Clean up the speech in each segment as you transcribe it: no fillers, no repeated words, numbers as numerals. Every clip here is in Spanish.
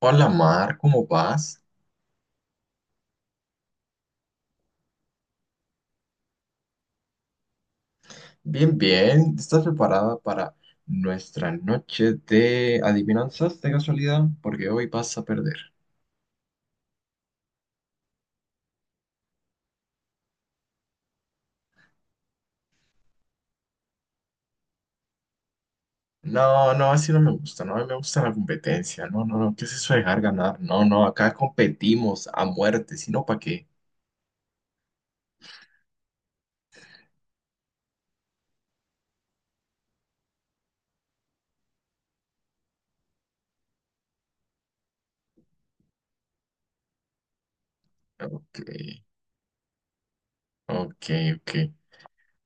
Hola Mar, ¿cómo vas? Bien, bien. ¿Estás preparada para nuestra noche de adivinanzas de casualidad? Porque hoy vas a perder. No, no, así no me gusta. No, a mí me gusta la competencia. No, no, no. ¿Qué es eso de dejar ganar? No, no. Acá competimos a muerte. Si no, ¿para qué? Ok, ok, ok.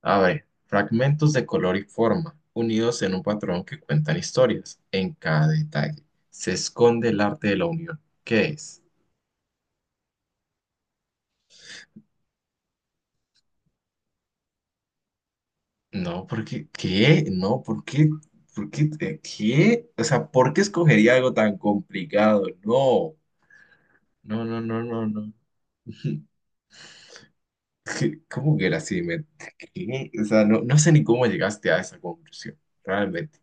A ver, fragmentos de color y forma, unidos en un patrón que cuentan historias. En cada detalle se esconde el arte de la unión. ¿Qué es? No, porque, ¿qué? No, ¿por qué? ¿Por qué? ¿Qué? O sea, ¿por qué escogería algo tan complicado? No, no, no, no, no, no. ¿Qué? ¿Cómo que era así? ¿Qué? O sea, no, no sé ni cómo llegaste a esa conclusión, realmente.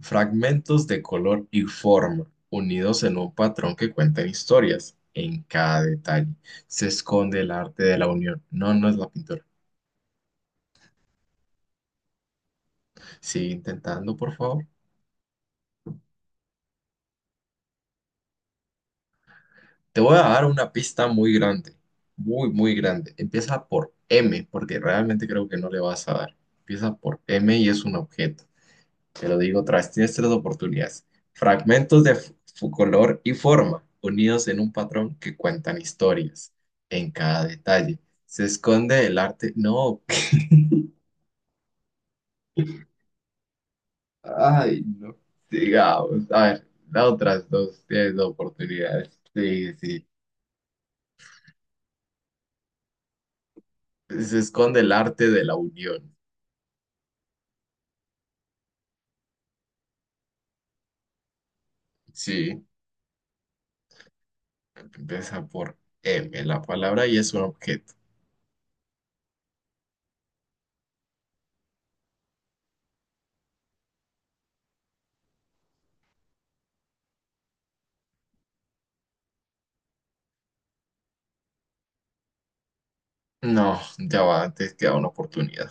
Fragmentos de color y forma, unidos en un patrón que cuentan historias. En cada detalle se esconde el arte de la unión. No, no es la pintura. Sigue intentando, por favor. Te voy a dar una pista muy grande, muy, muy grande. Empieza por M, porque realmente creo que no le vas a dar. Empieza por M y es un objeto. Te lo digo otra vez, tienes tres oportunidades. Su color y forma, unidos en un patrón que cuentan historias. En cada detalle se esconde el arte. No, ay, no. Digamos, a ver, las otras dos tienes dos oportunidades. Sí, sí. Se esconde el arte de la unión. Sí. Empieza por M, la palabra y es un objeto. No, ya va, antes queda una oportunidad.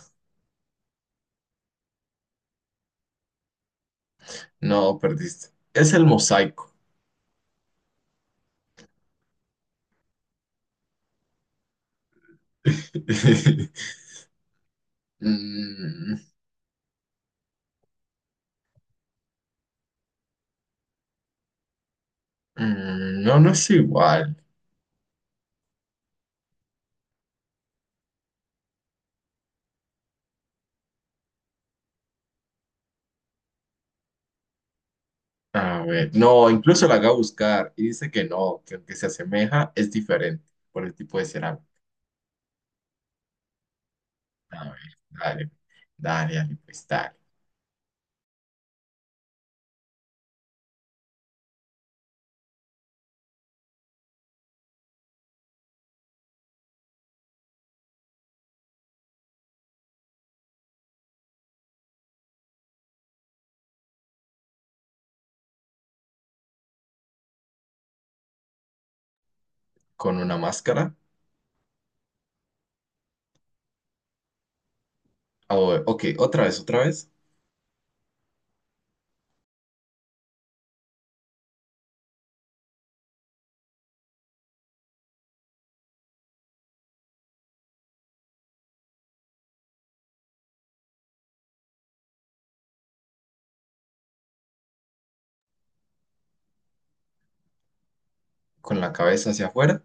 No, perdiste. Es el mosaico. Mm, mm, no, no es igual. A ver, no, incluso la haga buscar y dice que no, que aunque se asemeja, es diferente por el tipo de cerámica. A ver, dale, dale, dale, pues dale. Con una máscara. Ah, bueno, ok, otra vez, otra vez. Con la cabeza hacia afuera.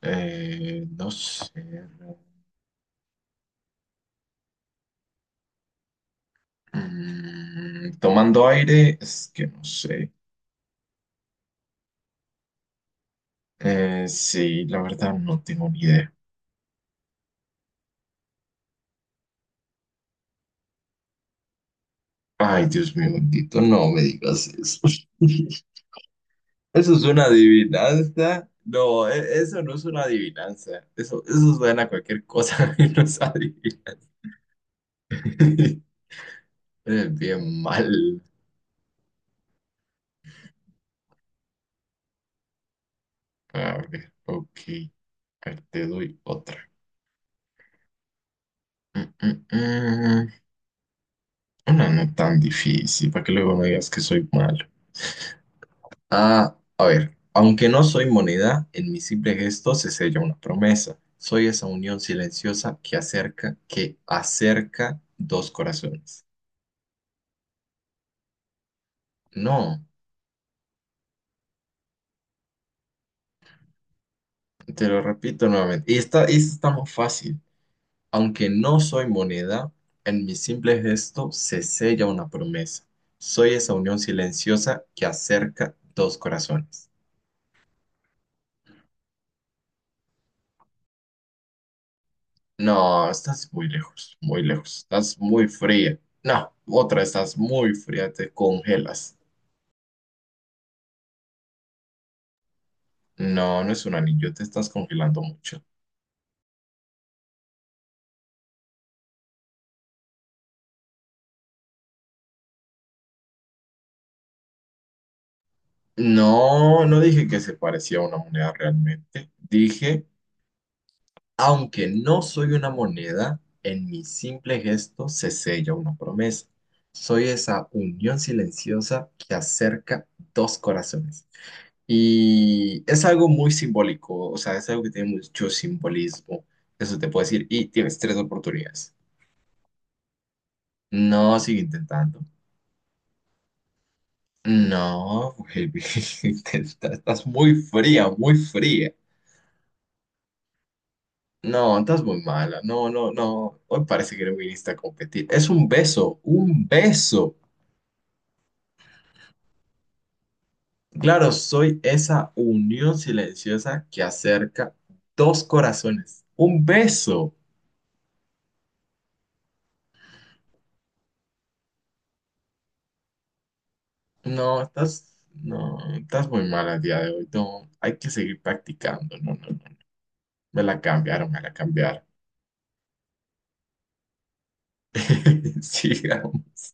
No sé. Mm, tomando aire, es que no sé. Sí, la verdad no tengo ni idea. Ay, Dios mío, bendito, no me digas eso. Eso es una adivinanza. No, eso no es una adivinanza. Eso suena a cualquier cosa menos adivinanza. Es bien mal. A ver, ok. A ver, te doy otra. Mm, mm, mm. Una no tan difícil, para que luego me digas que soy malo. Ah, a ver, aunque no soy moneda, en mi simple gesto se sella una promesa. Soy esa unión silenciosa que acerca dos corazones. No, te lo repito nuevamente. Y esta está más fácil. Aunque no soy moneda, en mi simple gesto se sella una promesa. Soy esa unión silenciosa que acerca dos corazones. No, estás muy lejos, muy lejos. Estás muy fría. No, otra, estás muy fría, te congelas. No, no es un anillo, te estás congelando mucho. No, no dije que se parecía a una moneda realmente. Dije, aunque no soy una moneda, en mi simple gesto se sella una promesa. Soy esa unión silenciosa que acerca dos corazones. Y es algo muy simbólico, o sea, es algo que tiene mucho simbolismo. Eso te puedo decir. Y tienes tres oportunidades. No, sigue intentando. No, baby, estás muy fría, muy fría. No, estás muy mala. No, no, no. Hoy parece que no viniste a competir. Es un beso, un beso. Claro, soy esa unión silenciosa que acerca dos corazones. Un beso. No, estás, no, estás muy mala el día de hoy. No, hay que seguir practicando. No, no, no. Me la cambiaron, me la cambiaron. Sigamos.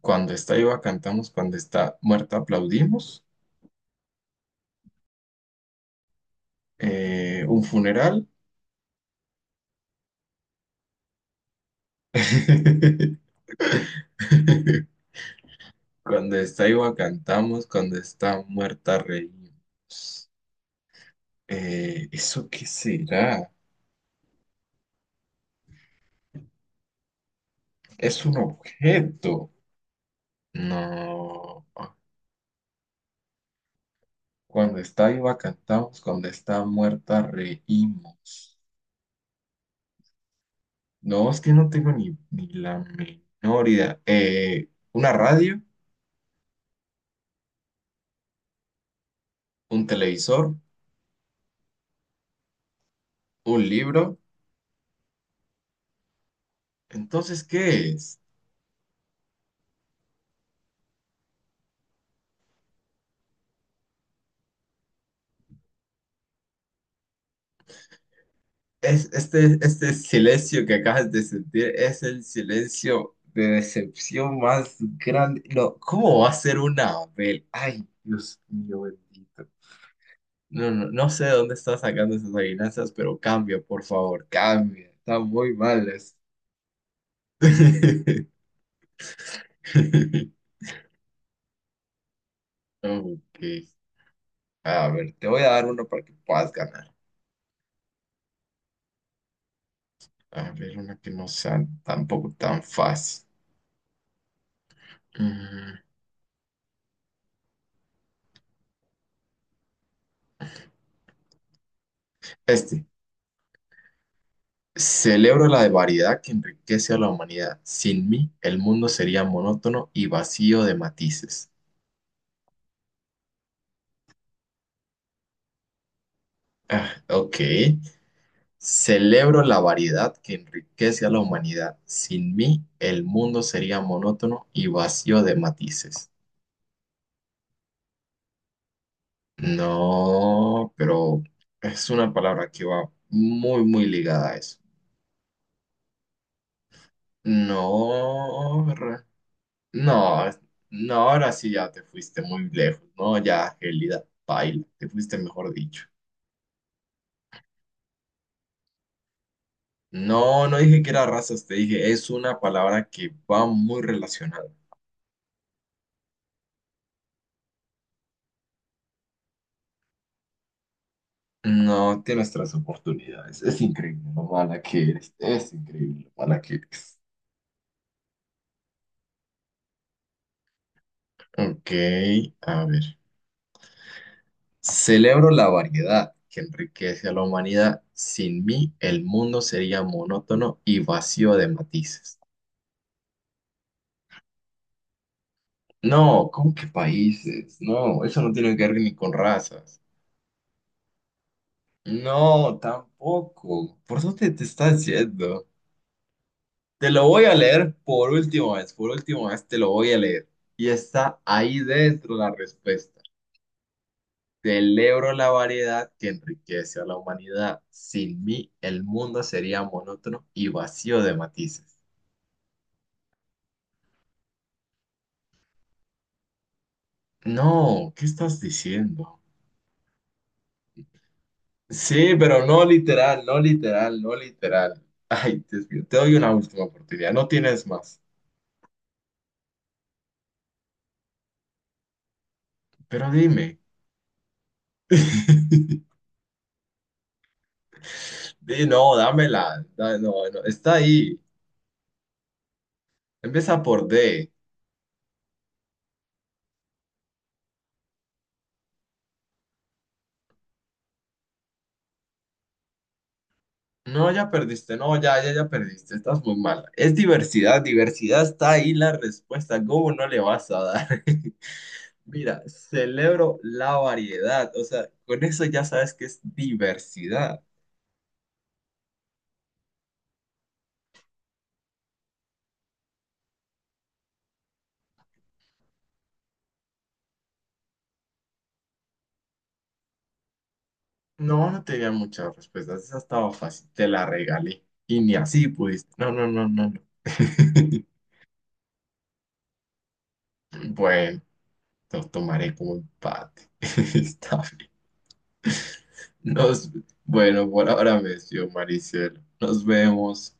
Cuando está viva cantamos, cuando está muerta aplaudimos. Un funeral. Cuando está viva cantamos, cuando está muerta reímos. ¿Eso qué será? Es un objeto. No. Cuando está viva cantamos, cuando está muerta reímos. No, es que no tengo ni, ni la menor idea. ¿Una radio? ¿Un televisor? ¿Un libro? Entonces, ¿qué es? Es este, este silencio que acabas de sentir es el silencio de decepción más grande. No, ¿cómo va a ser una Abel? Ay, Dios mío, bendito. No, no, no sé de dónde está sacando esas adivinanzas, pero cambia, por favor, cambia. Están muy malas. Ok. A ver, te voy a dar uno para que puedas ganar. A ver, una que no sea tampoco tan fácil. Mm, este. Celebro la variedad que enriquece a la humanidad. Sin mí, el mundo sería monótono y vacío de matices. Ah, ok. Celebro la variedad que enriquece a la humanidad. Sin mí, el mundo sería monótono y vacío de matices. No, pero es una palabra que va muy, muy ligada a eso. No, re- no, no, ahora sí ya te fuiste muy lejos. No, ya, Gélida, baila, te fuiste mejor dicho. No, no dije que era razas, te dije, es una palabra que va muy relacionada. No te nuestras oportunidades. Es increíble lo mala que eres. Es increíble lo mala que eres. Ok, a ver. Celebro la variedad que enriquece a la humanidad. Sin mí, el mundo sería monótono y vacío de matices. No, ¿cómo que países? No, eso no tiene que ver ni con razas. No, tampoco. ¿Por dónde te estás yendo? Te lo voy a leer por última vez te lo voy a leer. Y está ahí dentro la respuesta. Celebro la variedad que enriquece a la humanidad. Sin mí, el mundo sería monótono y vacío de matices. No, ¿qué estás diciendo? Sí, pero no literal, no literal, no literal. Ay, Dios mío, te doy una última oportunidad, no tienes más. Pero dime. Di, no, dámela. No, no, está ahí. Empieza por D. No, ya perdiste, no, ya, ya, ya perdiste, estás muy mal. Es diversidad, diversidad está ahí la respuesta, ¿cómo no le vas a dar? Mira, celebro la variedad, o sea, con eso ya sabes que es diversidad. No, no tenía muchas respuestas, esa estaba fácil, te la regalé y ni así pudiste. No, no, no, no, no. Bueno, lo tomaré como empate. Está bien. Nos, bueno, por ahora me despido, Maricielo. Nos vemos.